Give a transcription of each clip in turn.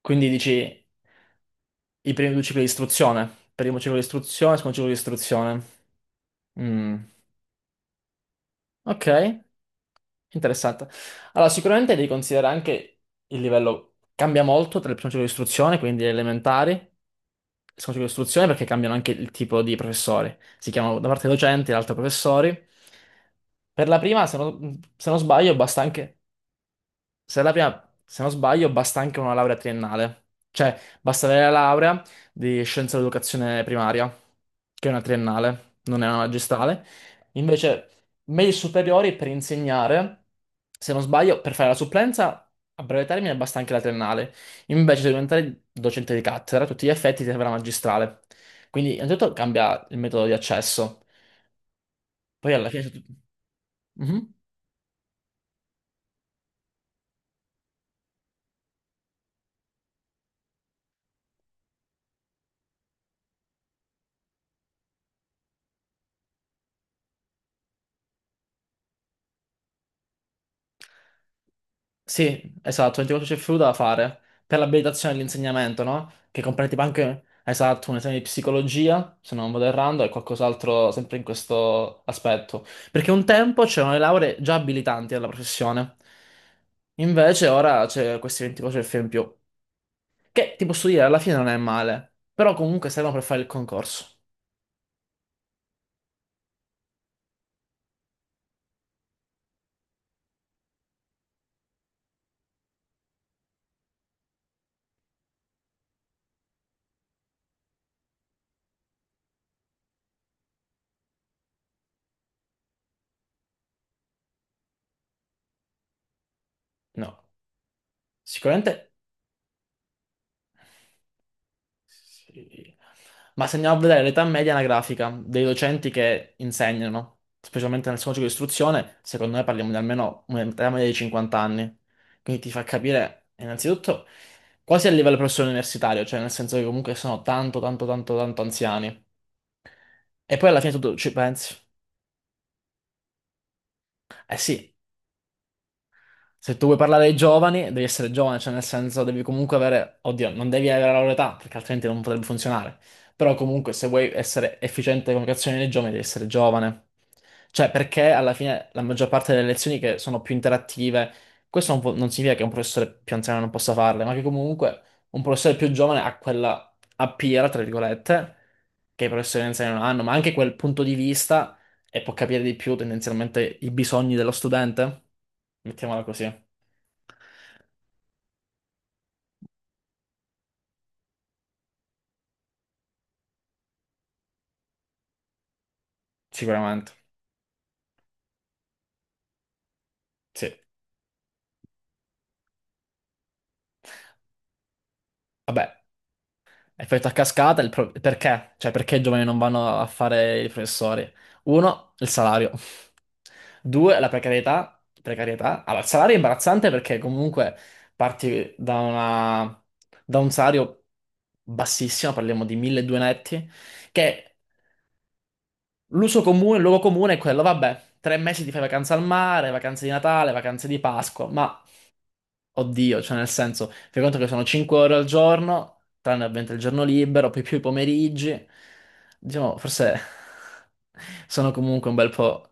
Quindi dici i primi due cicli di istruzione. Primo ciclo di istruzione, secondo ciclo di istruzione. Mm, ok, interessante. Allora, sicuramente devi considerare anche il livello cambia molto tra il primo ciclo di istruzione, quindi le elementari, il secondo ciclo di istruzione, perché cambiano anche il tipo di professori. Si chiamano da parte docenti, l'altra professori. Per la prima, se non sbaglio, basta anche. Se la prima- Se non sbaglio, basta anche una laurea triennale. Cioè, basta avere la laurea di scienza dell'educazione primaria, che è una triennale, non è una magistrale. Invece, medie superiori per insegnare, se non sbaglio, per fare la supplenza a breve termine basta anche la triennale. Invece, se diventare docente di cattedra, a tutti gli effetti ti serve la magistrale. Quindi, innanzitutto cambia il metodo di accesso. Poi alla fine... se tu- Mhm. Sì, esatto, 24 c'è fluido da fare per l'abilitazione dell'insegnamento, no? Che comprende tipo anche, esatto, un esame di psicologia, se non vado errando, e qualcos'altro sempre in questo aspetto. Perché un tempo c'erano le lauree già abilitanti alla professione, invece ora c'è questi 24 CFU in più, che ti posso dire, alla fine non è male, però comunque servono per fare il concorso. No, sicuramente. Sì. Ma se andiamo a vedere l'età media anagrafica dei docenti che insegnano, specialmente nel secondo ciclo di istruzione, secondo me parliamo di almeno un'età media di 50 anni. Quindi ti fa capire, innanzitutto, quasi a livello professore universitario, cioè nel senso che comunque sono tanto, tanto, tanto, tanto anziani. E poi alla fine tu ci pensi. Eh sì, se tu vuoi parlare ai giovani, devi essere giovane, cioè nel senso devi comunque avere, oddio, non devi avere la loro età, perché altrimenti non potrebbe funzionare. Però comunque se vuoi essere efficiente con le azioni dei giovani, devi essere giovane. Cioè perché alla fine la maggior parte delle lezioni che sono più interattive, questo non, pu- non significa che un professore più anziano non possa farle, ma che comunque un professore più giovane ha quella a piera, tra virgolette, che i professori anziani non hanno, ma anche quel punto di vista e può capire di più tendenzialmente i bisogni dello studente. Mettiamola così, sicuramente. Sì. Vabbè, effetto a cascata, perché? Cioè, perché i giovani non vanno a fare i professori? Uno, il salario. Due, la precarietà. Precarietà. Allora, il salario è imbarazzante perché comunque parti da una... da un salario bassissimo, parliamo di 1.200 netti, che l'uso comune, il luogo comune è quello, vabbè, tre mesi ti fai vacanza al mare, vacanze di Natale, vacanze di Pasqua, ma oddio, cioè nel senso, fai conto che sono 5 ore al giorno, tranne ovviamente il giorno libero, poi più i pomeriggi, diciamo, forse sono comunque un bel po'...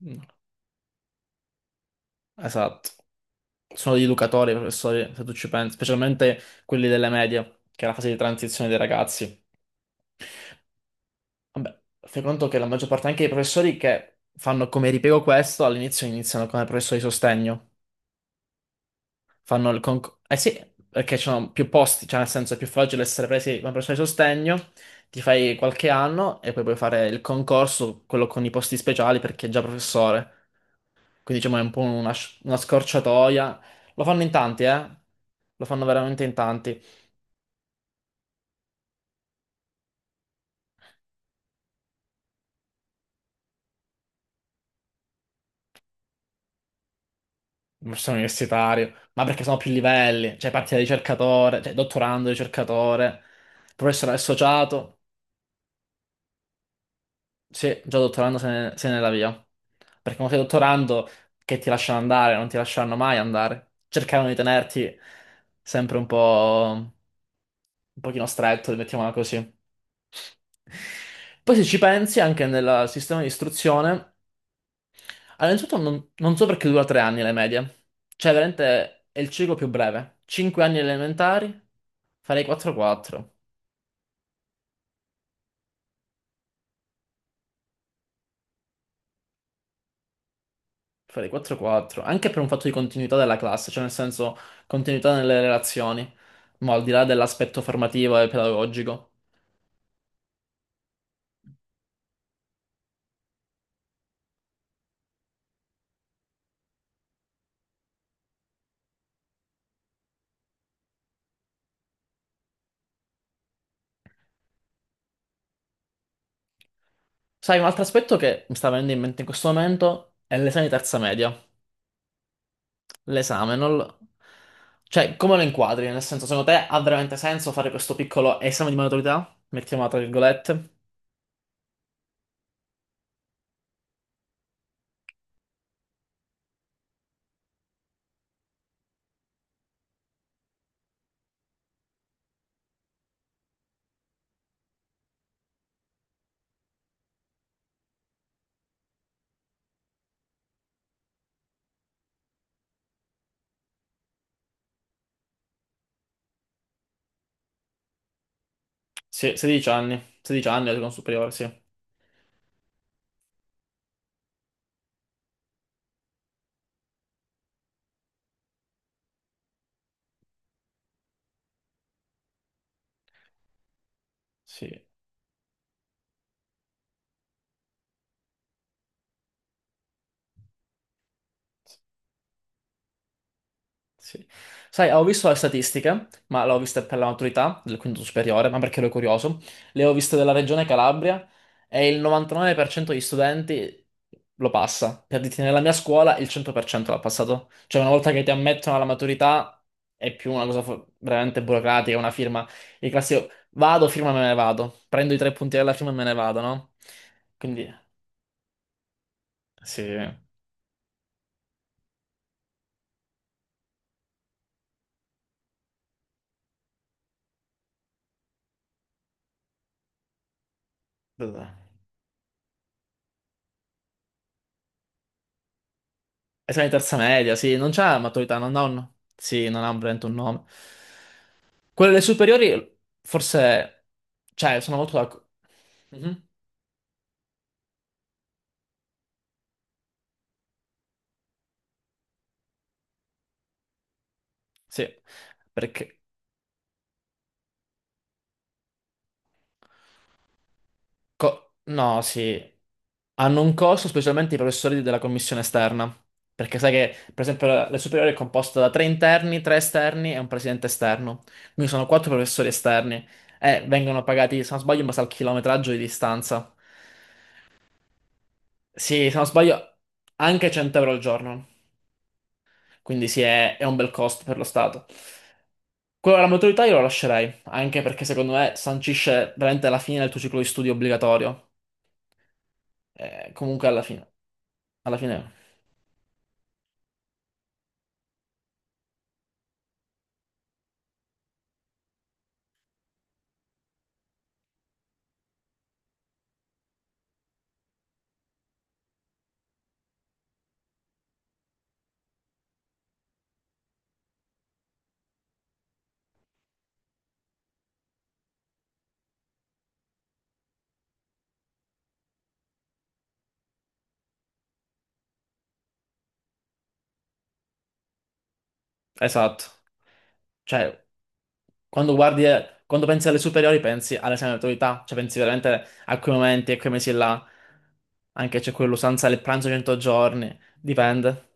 Mhm. Esatto, sono gli educatori, i professori, se tu ci pensi, specialmente quelli delle medie, che è la fase di transizione dei ragazzi. Vabbè, fai conto che la maggior parte anche dei professori che fanno come ripiego questo all'inizio iniziano come professori di sostegno. Fanno il concorso. Eh sì, perché ci sono più posti, cioè nel senso è più facile essere presi come professore di sostegno, ti fai qualche anno e poi puoi fare il concorso, quello con i posti speciali perché è già professore. Quindi diciamo è un po' una scorciatoia. Lo fanno in tanti, eh? Lo fanno veramente in tanti. Sono universitario, ma perché sono più livelli, cioè parti da ricercatore, cioè dottorando, ricercatore, professore associato, sì, già dottorando se ne va via. Perché quando sei dottorando, che ti lasciano andare, non ti lasceranno mai andare. Cercavano di tenerti sempre un po', un pochino stretto, mettiamola così. Poi se ci pensi, anche nel sistema di istruzione. Allora, innanzitutto non so perché dura tre anni le medie. Cioè, veramente è il ciclo più breve. Cinque anni elementari, farei 4-4. Farei 4-4. Anche per un fatto di continuità della classe, cioè nel senso continuità nelle relazioni. Ma al di là dell'aspetto formativo e pedagogico. Sai, un altro aspetto che mi sta venendo in mente in questo momento è l'esame di terza media. L'esame, non... lo- Cioè, come lo inquadri? Nel senso, secondo te ha veramente senso fare questo piccolo esame di maturità? Mettiamo tra virgolette. Sì, 16 anni, 16 anni, la seconda superiore, sì. Sì, sì. Sai, ho visto le statistiche, ma l'ho vista per la maturità del quinto superiore, ma perché ero curioso. Le ho viste della regione Calabria e il 99% degli studenti lo passa. Per dirti, nella mia scuola il 100% l'ha passato. Cioè, una volta che ti ammettono alla maturità è più veramente burocratica, una firma. Il classico vado, firma, me ne vado. Prendo i tre punti della firma e me ne vado, no? Quindi, sì. Vabbè. Esame di terza media, sì, non c'ha maturità, non ha un... Sì, non ha veramente un nome. Quelle delle superiori, forse... Cioè, sono molto d'accordo. Mhm, sì, perché... No, sì. Hanno un costo specialmente i professori della commissione esterna. Perché sai che, per esempio, la superiore è composta da tre interni, tre esterni e un presidente esterno. Quindi sono quattro professori esterni. E vengono pagati, se non sbaglio, in base al chilometraggio di distanza. Sì, se non sbaglio, anche 100 euro al giorno. Quindi sì, è un bel costo per lo Stato. Quello della maturità io lo lascerei, anche perché secondo me sancisce veramente la fine del tuo ciclo di studio obbligatorio. Comunque alla fine, esatto. Cioè, quando guardi, quando pensi alle superiori pensi all'esame di maturità, cioè pensi veramente a quei momenti, a quei mesi là, anche c'è quell'usanza del pranzo 100 giorni, dipende.